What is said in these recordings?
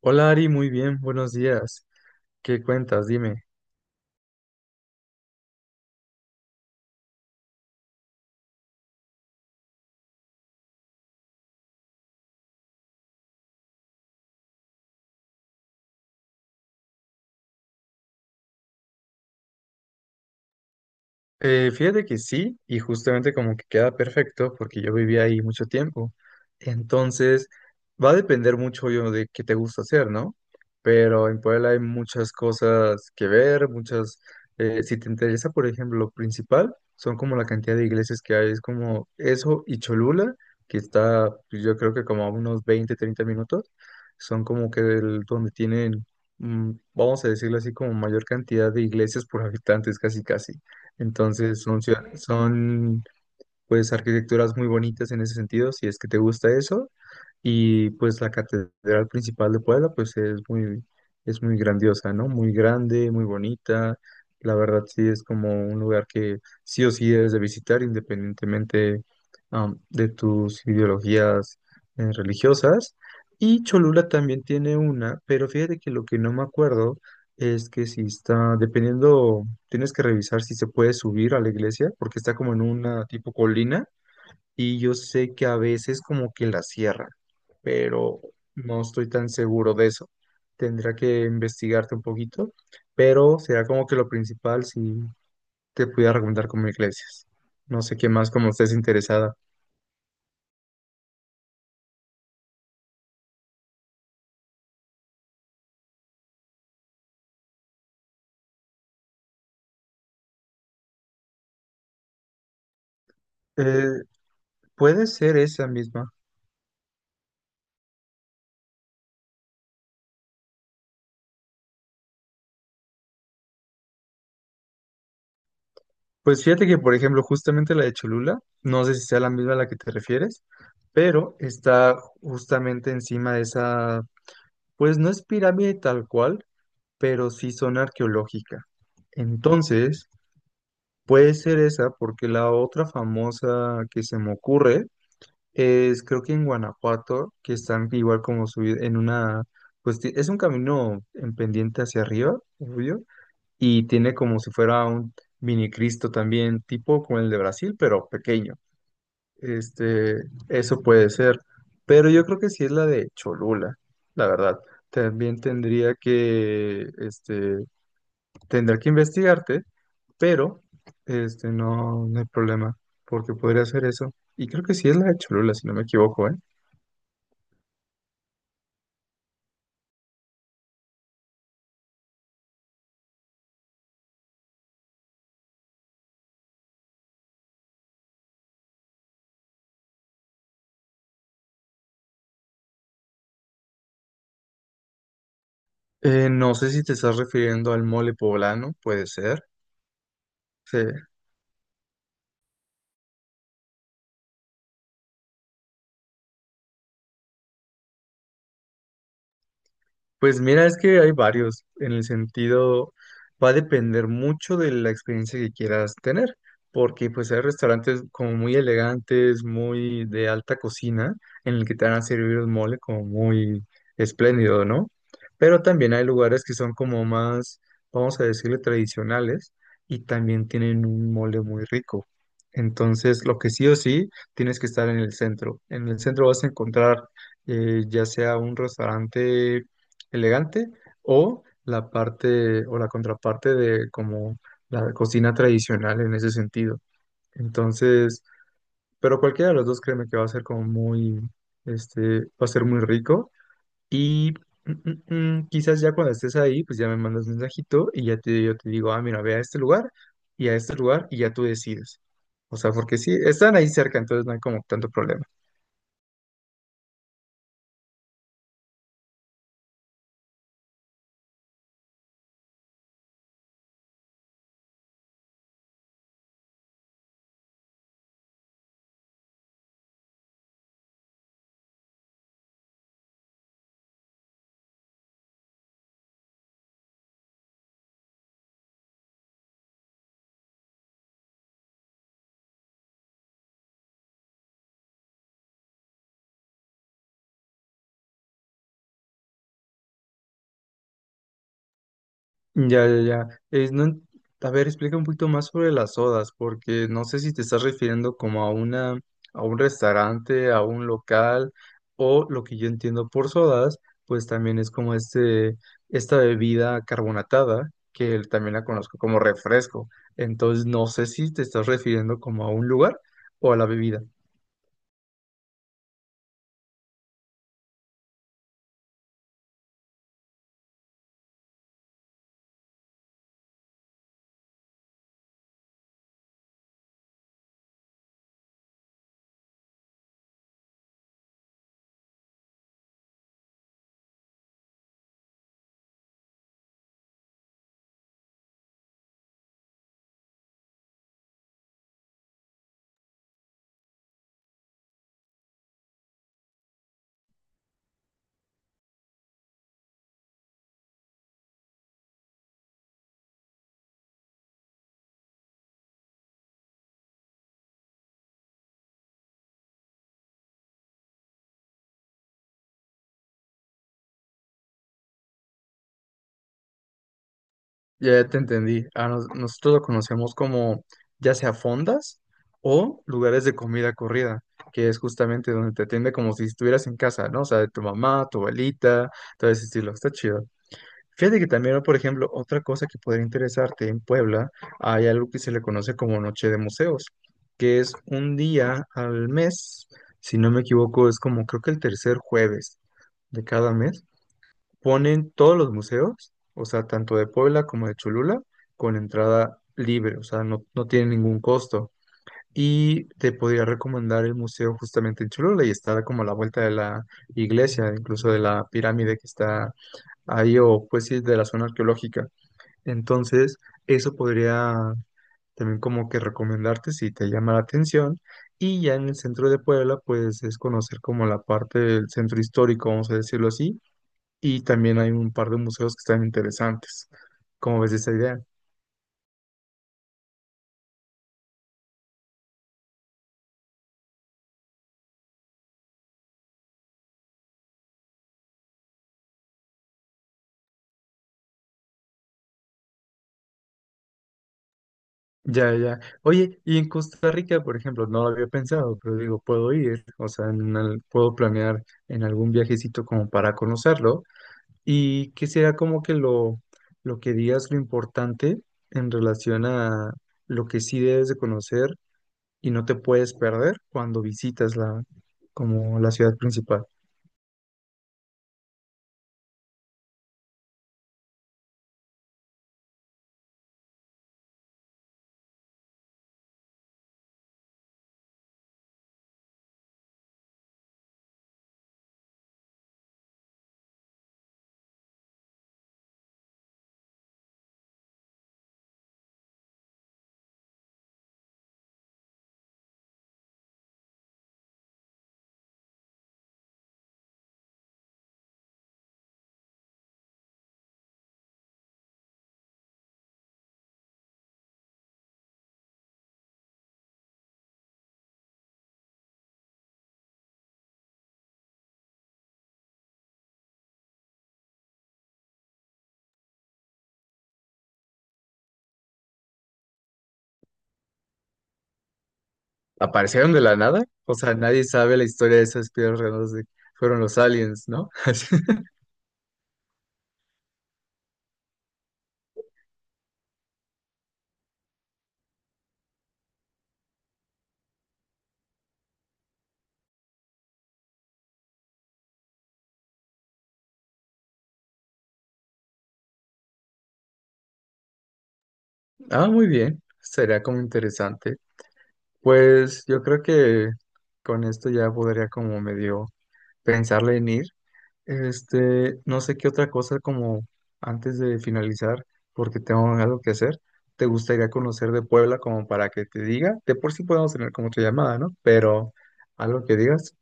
Hola Ari, muy bien, buenos días. ¿Qué cuentas? Dime. Fíjate que sí, y justamente como que queda perfecto porque yo viví ahí mucho tiempo. Entonces, va a depender mucho yo de qué te gusta hacer, ¿no? Pero en Puebla hay muchas cosas que ver, muchas, si te interesa, por ejemplo, lo principal, son como la cantidad de iglesias que hay, es como eso y Cholula, que está pues, yo creo que como a unos 20 o 30 minutos, son como que donde tienen, vamos a decirlo así, como mayor cantidad de iglesias por habitantes, casi, casi. Entonces son, son pues arquitecturas muy bonitas en ese sentido, si es que te gusta eso. Y pues la catedral principal de Puebla pues es muy grandiosa, ¿no? Muy grande, muy bonita. La verdad sí es como un lugar que sí o sí debes de visitar independientemente de tus ideologías religiosas. Y Cholula también tiene una, pero fíjate que lo que no me acuerdo es que si está, dependiendo. Tienes que revisar si se puede subir a la iglesia porque está como en una tipo colina y yo sé que a veces como que la cierran, pero no estoy tan seguro de eso. Tendría que investigarte un poquito, pero será como que lo principal si te pudiera recomendar como iglesias. No sé qué más como estés interesada. Eh, Puede ser esa misma. Pues fíjate que, por ejemplo, justamente la de Cholula, no sé si sea la misma a la que te refieres, pero está justamente encima de esa. Pues no es pirámide tal cual, pero sí zona arqueológica. Entonces, puede ser esa, porque la otra famosa que se me ocurre es, creo que en Guanajuato, que están igual como subir en una, pues es un camino en pendiente hacia arriba, obvio, y tiene como si fuera un mini Cristo también, tipo como el de Brasil, pero pequeño. Este, eso puede ser, pero yo creo que sí es la de Cholula, la verdad. También tendría que, este, tendría que investigarte, pero, este, no, no hay problema, porque podría hacer eso. Y creo que sí es la de Cholula, si no me equivoco, ¿eh? No sé si te estás refiriendo al mole poblano, puede ser. Sí. Pues mira, es que hay varios, en el sentido, va a depender mucho de la experiencia que quieras tener, porque pues hay restaurantes como muy elegantes, muy de alta cocina, en el que te van a servir el mole como muy espléndido, ¿no? Pero también hay lugares que son como más, vamos a decirle, tradicionales y también tienen un mole muy rico. Entonces, lo que sí o sí, tienes que estar en el centro. En el centro vas a encontrar ya sea un restaurante elegante o la parte o la contraparte de como la cocina tradicional en ese sentido. Entonces, pero cualquiera de los dos créeme que va a ser como muy, este, va a ser muy rico y mm, quizás ya cuando estés ahí, pues ya me mandas mensajito y ya te, yo te digo, ah, mira, ve a este lugar y a este lugar y ya tú decides. O sea, porque sí, están ahí cerca, entonces no hay como tanto problema. Ya, ya, ya. Es, no, a ver, explica un poquito más sobre las sodas, porque no sé si te estás refiriendo como a una, a un restaurante, a un local, o lo que yo entiendo por sodas, pues también es como este, esta bebida carbonatada, que también la conozco como refresco. Entonces, no sé si te estás refiriendo como a un lugar o a la bebida. Ya te entendí. A nosotros lo conocemos como ya sea fondas o lugares de comida corrida, que es justamente donde te atiende como si estuvieras en casa, ¿no? O sea, de tu mamá, tu abuelita, todo ese estilo. Está chido. Fíjate que también, por ejemplo, otra cosa que podría interesarte en Puebla, hay algo que se le conoce como Noche de Museos, que es un día al mes, si no me equivoco, es como creo que el 3.er jueves de cada mes ponen todos los museos, o sea, tanto de Puebla como de Cholula, con entrada libre, o sea, no, no tiene ningún costo. Y te podría recomendar el museo justamente en Cholula y está como a la vuelta de la iglesia, incluso de la pirámide que está ahí, o pues sí, de la zona arqueológica. Entonces, eso podría también como que recomendarte si te llama la atención. Y ya en el centro de Puebla, pues es conocer como la parte del centro histórico, vamos a decirlo así, y también hay un par de museos que están interesantes. ¿Cómo ves esa idea? Ya, ya. Oye, y en Costa Rica, por ejemplo, no lo había pensado, pero digo, puedo ir, o sea, en puedo planear en algún viajecito como para conocerlo. Y que será como que lo que digas lo importante en relación a lo que sí debes de conocer y no te puedes perder cuando visitas la, como la ciudad principal. Aparecieron de la nada. O sea, nadie sabe la historia de esas piedras redondas de fueron los aliens, ¿no? Así. Ah, muy bien. Sería como interesante. Pues yo creo que con esto ya podría como medio pensarle en ir. Este, no sé qué otra cosa como antes de finalizar, porque tengo algo que hacer. ¿Te gustaría conocer de Puebla como para que te diga? De por sí podemos tener como otra llamada, ¿no? Pero algo que digas.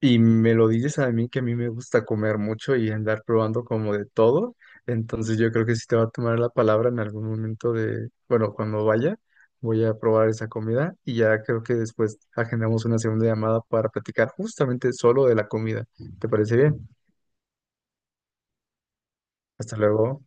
Y me lo dices a mí que a mí me gusta comer mucho y andar probando como de todo. Entonces yo creo que sí te va a tomar la palabra en algún momento de, bueno, cuando vaya, voy a probar esa comida y ya creo que después agendamos una 2.ª llamada para platicar justamente solo de la comida. ¿Te parece bien? Hasta luego.